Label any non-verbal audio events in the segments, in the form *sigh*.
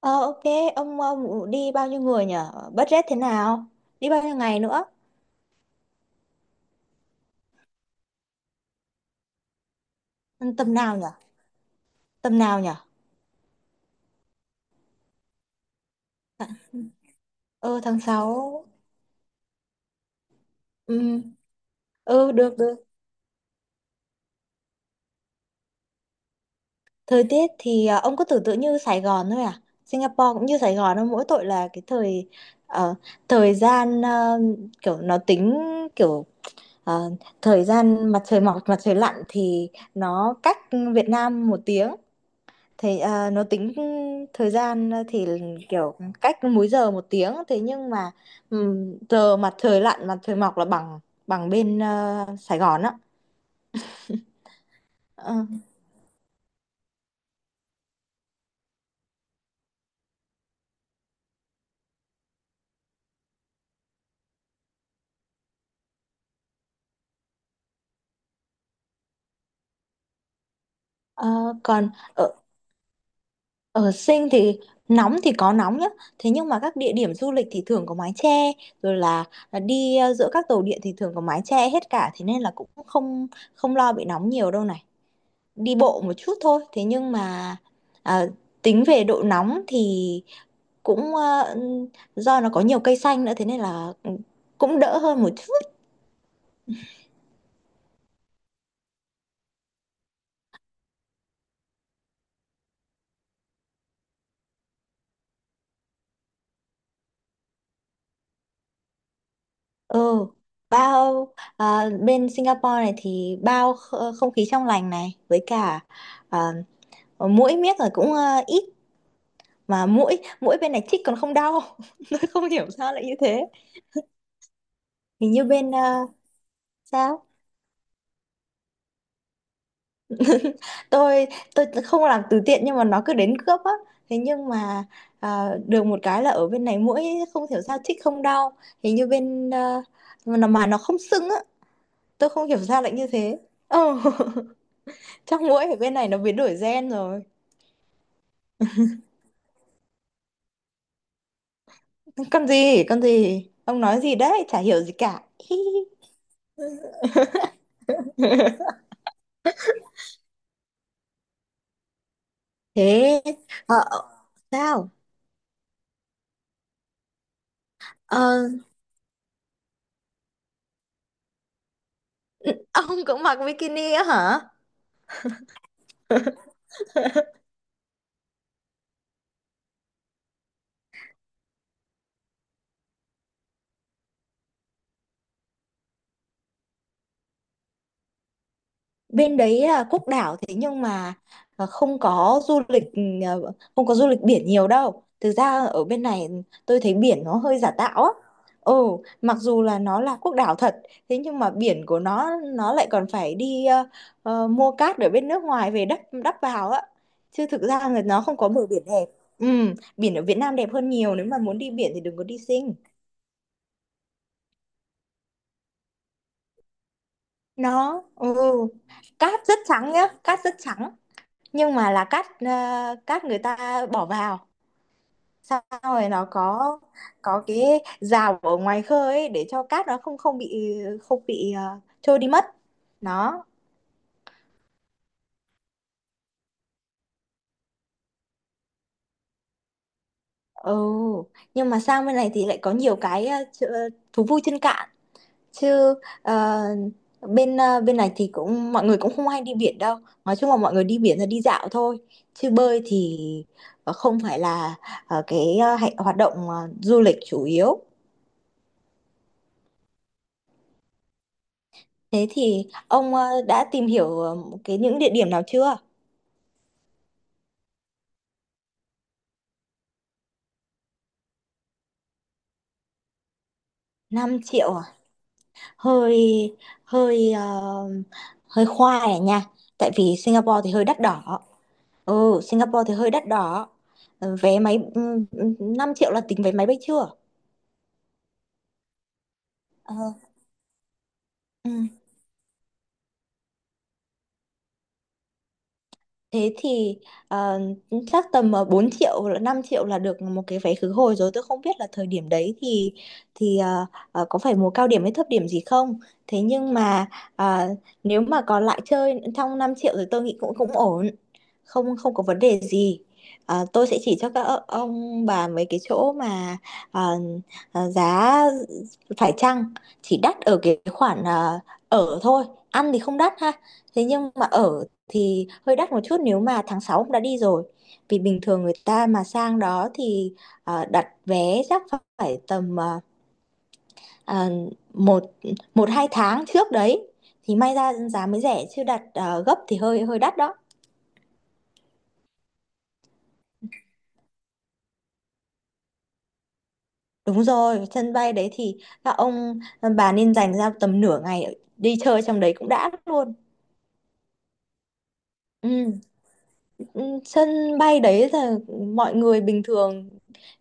Ờ ok, ông đi bao nhiêu người nhở? Budget thế nào? Đi bao nhiêu ngày nữa? Ừ, tầm nào nhở? Tầm nào nhở? Ừ, tháng sáu. Ừ, ừ, được được. Thời tiết thì ông cứ tưởng tượng như Sài Gòn thôi à? Singapore cũng như Sài Gòn thôi, mỗi tội là cái ờ, thời gian, kiểu nó tính kiểu ờ, thời gian mặt trời mọc mặt trời lặn thì nó cách Việt Nam 1 tiếng. Thì nó tính thời gian, kiểu cách múi giờ 1 tiếng, thế nhưng mà giờ mặt trời lặn mặt trời mọc là bằng bằng bên Sài Gòn á. Ờ, ờ, Còn ở ở Sing thì nóng thì có nóng nhá, thế nhưng mà các địa điểm du lịch thì thường có mái che, rồi là, là đi giữa các tàu điện thì thường có mái che hết cả, thế nên là cũng không không lo bị nóng nhiều đâu này. Đi bộ một chút thôi, thế nhưng mà à, tính về độ nóng thì cũng do nó có nhiều cây xanh nữa, thế nên là cũng đỡ hơn một chút. ừ bao Bên Singapore này thì bao không khí trong lành này, với cả à, muỗi miếc là cũng ít, mà mũi mũi bên này chích còn không đau. *laughs* Tôi không hiểu sao lại như thế. Hình như bên ờ, sao tôi tôi không làm từ thiện nhưng mà nó cứ đến cướp á, thế nhưng mà được một cái là ở bên này mũi không hiểu sao chích không đau. Hình như bên à, Mà nó không sưng á. Tôi không hiểu sao lại như thế. Ồ. *laughs* Chắc mũi ở bên này nó biến đổi gen rồi. Con gì ông nói gì đấy, chả hiểu gì cả. *laughs* thế ờ, ờ, sao Ờ, ông cũng mặc bikini á hả? *laughs* Bên đấy là quốc đảo, thế nhưng mà à, không có du lịch ừ, à, không có du lịch biển nhiều đâu, thực ra ở bên này tôi thấy biển nó hơi giả tạo á. Ừ, mặc dù là nó là quốc đảo thật, thế nhưng mà biển của nó lại còn phải đi mua cát ở bên nước ngoài về đắp, vào á, chứ thực ra là nó không có bờ biển đẹp. Ừ, biển ở Việt Nam đẹp hơn nhiều, nếu mà muốn đi biển thì đừng có đi Sing. Nó ừ Cát rất trắng nhá, cát rất trắng, nhưng mà là cát, cát người ta bỏ vào, xong rồi nó có cái rào ở ngoài khơi ấy để cho cát nó không không bị không bị ờ, trôi đi mất. Nó ừ Nhưng mà sang bên này thì lại có nhiều cái thú vui trên cạn chứ. ờ, Bên này thì cũng mọi người cũng không hay đi biển đâu, nói chung là mọi người đi biển là đi dạo thôi, chứ bơi thì không phải là hoạt động du lịch chủ yếu. Thế thì ông đã tìm hiểu cái những địa điểm nào chưa? Năm triệu à? Hơi, hơi ờ, hơi khoai à nha. Tại vì Singapore thì hơi đắt đỏ. Ừ, Singapore thì hơi đắt đỏ. Ờ, vé máy, 5 triệu là tính vé máy bay chưa? Ờ. Ừ. Thế thì ờ, chắc tầm 4 triệu hoặc là 5 triệu là được một cái vé khứ hồi rồi. Tôi không biết là thời điểm đấy thì có phải mùa cao điểm hay thấp điểm gì không. Thế nhưng mà ờ, nếu mà còn lại chơi trong 5 triệu thì tôi nghĩ cũng cũng ổn. Không không có vấn đề gì. Ờ, tôi sẽ chỉ cho các ông bà mấy cái chỗ mà ờ, giá phải chăng, chỉ đắt ở cái khoản ở thôi. Ăn thì không đắt ha. Thế nhưng mà ở thì hơi đắt một chút, nếu mà tháng 6 cũng đã đi rồi. Vì bình thường người ta mà sang đó thì đặt vé chắc phải tầm ờ, một một hai tháng trước đấy thì may ra giá mới rẻ, chứ đặt gấp thì hơi hơi đắt đó. Đúng rồi, sân bay đấy thì các ông, bà nên dành ra tầm nửa ngày đi chơi trong đấy cũng đã luôn. Ừ. Ừ, sân bay đấy là mọi người bình thường,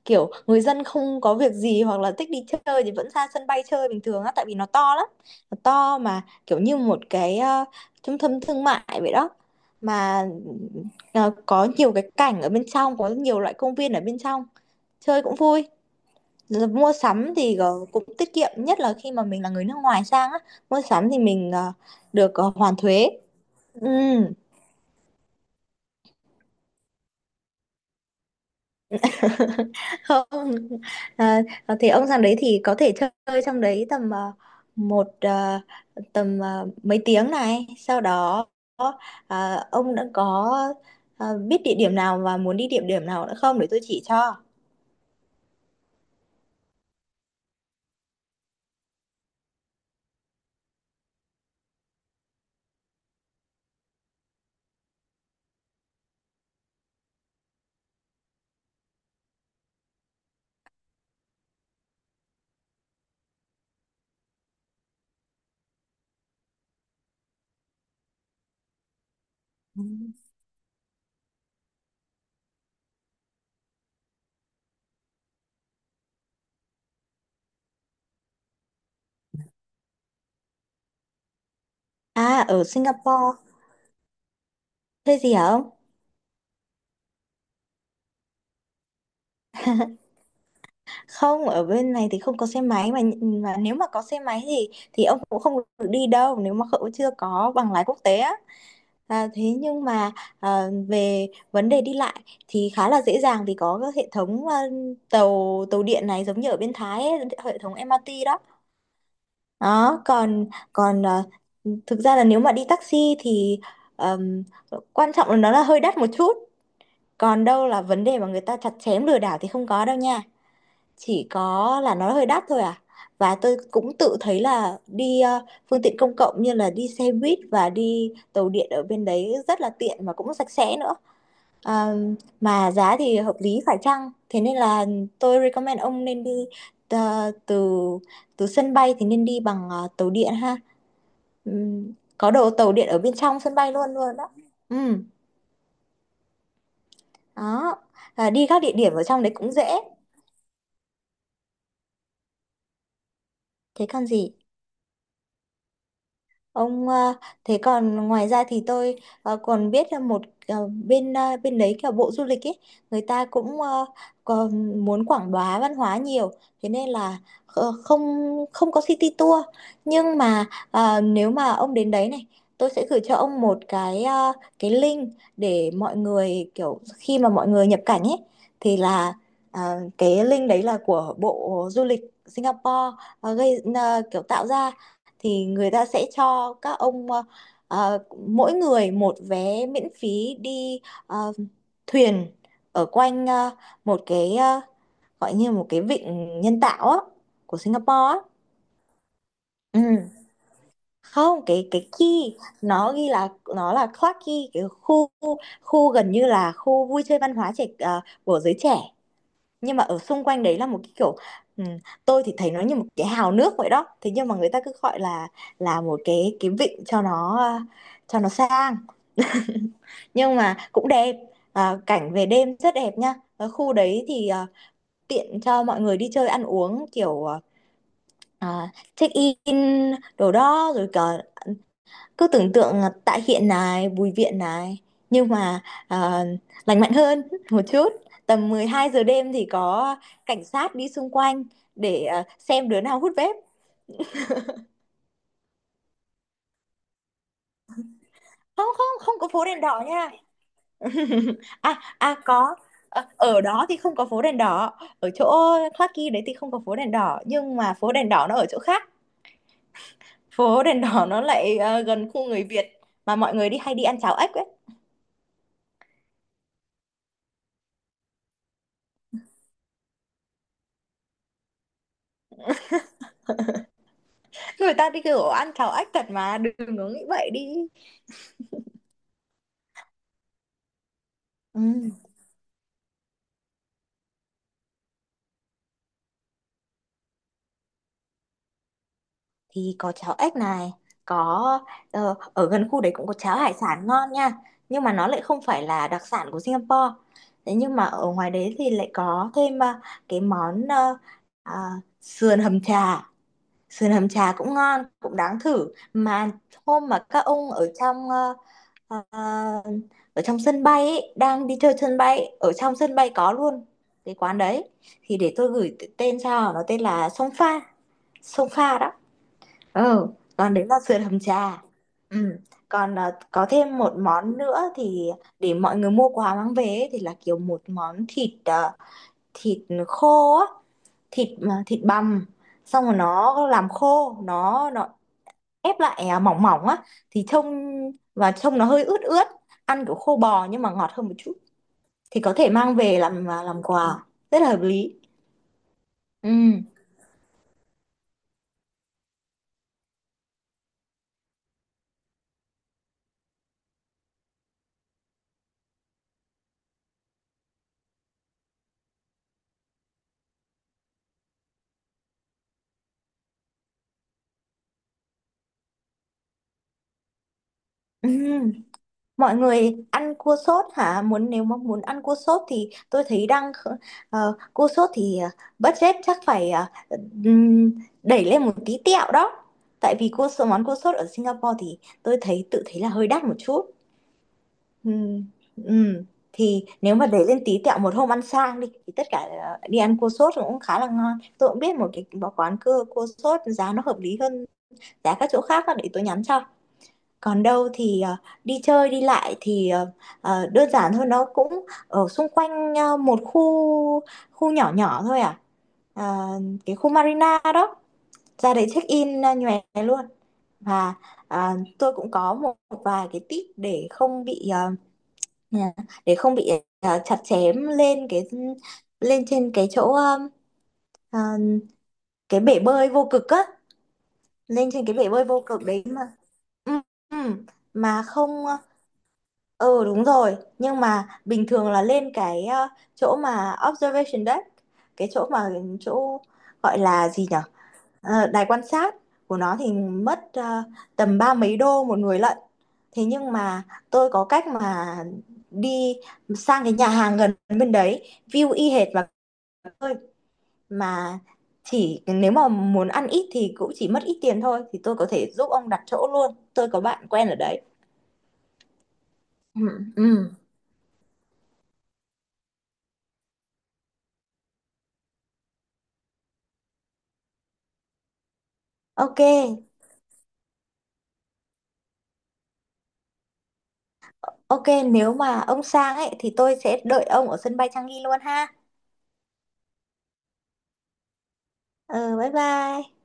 kiểu người dân không có việc gì hoặc là thích đi chơi thì vẫn ra sân bay chơi bình thường á, tại vì nó to lắm, nó to mà kiểu như một cái, trung tâm thương mại vậy đó. Mà có nhiều cái cảnh ở bên trong, có nhiều loại công viên ở bên trong, chơi cũng vui. Rồi mua sắm thì cũng tiết kiệm, nhất là khi mà mình là người nước ngoài sang á, mua sắm thì mình được hoàn thuế. Ừ. *laughs* Không. à, thì ông sang đấy thì có thể chơi trong đấy tầm một, mấy tiếng này, sau đó ông đã có biết địa điểm nào và muốn đi địa điểm nào nữa không để tôi chỉ cho. À ở Singapore thuê gì hả ông? Không, ở bên này thì không có xe máy mà nếu mà có xe máy thì ông cũng không được đi đâu nếu mà cậu chưa có bằng lái quốc tế á. À, thế nhưng mà về vấn đề đi lại thì khá là dễ dàng, vì có các hệ thống tàu tàu điện này, giống như ở bên Thái ấy, hệ thống MRT đó. Đó, còn còn ờ, thực ra là nếu mà đi taxi thì ờm, quan trọng là nó là hơi đắt một chút. Còn đâu là vấn đề mà người ta chặt chém lừa đảo thì không có đâu nha, chỉ có là nó hơi đắt thôi à. Và tôi cũng tự thấy là đi phương tiện công cộng như là đi xe buýt và đi tàu điện ở bên đấy rất là tiện và cũng sạch sẽ nữa. Ờ, mà giá thì hợp lý phải chăng, thế nên là tôi recommend ông nên đi ờ, từ từ sân bay thì nên đi bằng tàu điện ha. Có đồ tàu điện ở bên trong sân bay luôn luôn đó. Ừ, đó. À, đi các địa điểm ở trong đấy cũng dễ. Thế còn gì? Ông, thế còn ngoài ra thì tôi còn biết là một, bên đấy kiểu bộ du lịch ấy, người ta cũng còn muốn quảng bá văn hóa nhiều, thế nên là ờ, không không có city tour, nhưng mà nếu mà ông đến đấy này tôi sẽ gửi cho ông một cái, cái link để mọi người kiểu khi mà mọi người nhập cảnh ấy, thì là ờ, cái link đấy là của bộ du lịch Singapore, kiểu tạo ra, thì người ta sẽ cho các ông ờ, mỗi người một vé miễn phí đi ờ, thuyền ở quanh, một cái, gọi như một cái vịnh nhân tạo á của Singapore á. Ừ. Không, cái Key nó ghi là, nó là Clarke Quay, cái khu khu gần như là khu vui chơi văn hóa trẻ, của giới trẻ, nhưng mà ở xung quanh đấy là một cái kiểu, ừ, tôi thì thấy nó như một cái hào nước vậy đó, thế nhưng mà người ta cứ gọi là một cái, vịnh cho nó cho nó sang, nhưng mà cũng đẹp. À, cảnh về đêm rất đẹp nha, ở khu đấy thì tiện cho mọi người đi chơi ăn uống, kiểu check in đồ đó rồi cả, cứ tưởng tượng là Tạ Hiện này, Bùi Viện này, nhưng mà à, lành mạnh hơn *laughs* một chút. Tầm 12 giờ đêm thì có cảnh sát đi xung quanh để xem đứa nào hút vape. Không không, không có phố đèn đỏ nha. À à, có. Ờ, ở đó thì không có phố đèn đỏ, ở chỗ Clarky đấy thì không có phố đèn đỏ, nhưng mà phố đèn đỏ nó ở chỗ khác, phố đèn đỏ nó lại gần khu người Việt, mà mọi người đi hay đi ăn cháo ếch ấy. *laughs* Người ta đi kiểu ăn cháo ếch thật mà, đừng có nghĩ vậy đi. Ừ. Thì có cháo ếch này, có ở gần khu đấy cũng có cháo hải sản ngon nha, nhưng mà nó lại không phải là đặc sản của Singapore. Thế nhưng mà ở ngoài đấy thì lại có thêm, cái món à, sườn hầm trà, sườn hầm trà cũng ngon cũng đáng thử mà. Hôm mà các ông ở trong ờ, ở trong sân bay ấy, đang đi chơi sân bay, ở trong sân bay có luôn cái quán đấy, thì để tôi gửi tên cho, nó tên là sông pha, sông pha đó. Ừ, còn đấy là sườn hầm trà. Ừ. Còn có thêm một món nữa thì để mọi người mua quà mang về ấy, thì là kiểu một món thịt à, thịt khô á, thịt thịt bằm xong rồi nó làm khô, nó ép lại mỏng mỏng á, thì trông, và trông nó hơi ướt ướt, ăn kiểu khô bò nhưng mà ngọt hơn một chút, thì có thể mang về làm, làm quà. Rất là hợp lý. Ừ. *laughs* Mọi người ăn cua sốt hả? Muốn, nếu mà muốn ăn cua sốt thì tôi thấy đang cua sốt thì budget chắc phải ừm, đẩy lên một tí tẹo đó. Tại vì cua sốt, món cua sốt ở Singapore thì tôi thấy tự thấy là hơi đắt một chút. Ừm, ừm. Thì nếu mà đẩy lên tí tẹo một hôm ăn sang đi thì tất cả đi ăn cua sốt cũng khá là ngon. Tôi cũng biết một cái quán cua, sốt giá nó hợp lý hơn giá các chỗ khác á, để tôi nhắn cho. Còn đâu thì đi chơi đi lại thì đơn giản thôi, nó cũng ở xung quanh một khu, nhỏ nhỏ thôi à. Ờ, cái khu Marina đó, ra đấy check in, nhòe luôn. Và ờ, tôi cũng có một vài cái tip để không bị ừ, để không bị chặt chém lên cái, lên trên cái chỗ ờ, cái bể bơi vô cực á, lên trên cái bể bơi vô cực đấy mà. Ừ, ừ. mà không ờ, Ừ đúng rồi, nhưng mà bình thường là lên cái chỗ mà observation deck, cái chỗ mà chỗ gọi là gì nhở? Ờ, đài quan sát của nó thì mất tầm ba mấy đô một người lận. Thế nhưng mà tôi có cách mà đi sang cái nhà hàng gần bên đấy, view y hệt, và tôi mà chỉ, nếu mà muốn ăn ít thì cũng chỉ mất ít tiền thôi, thì tôi có thể giúp ông đặt chỗ luôn. Tôi có bạn quen ở đấy. Ừ, ừ. Ok. Ok, nếu mà ông sang ấy thì tôi sẽ đợi ông ở sân bay Changi luôn ha. Ừ, bye bye.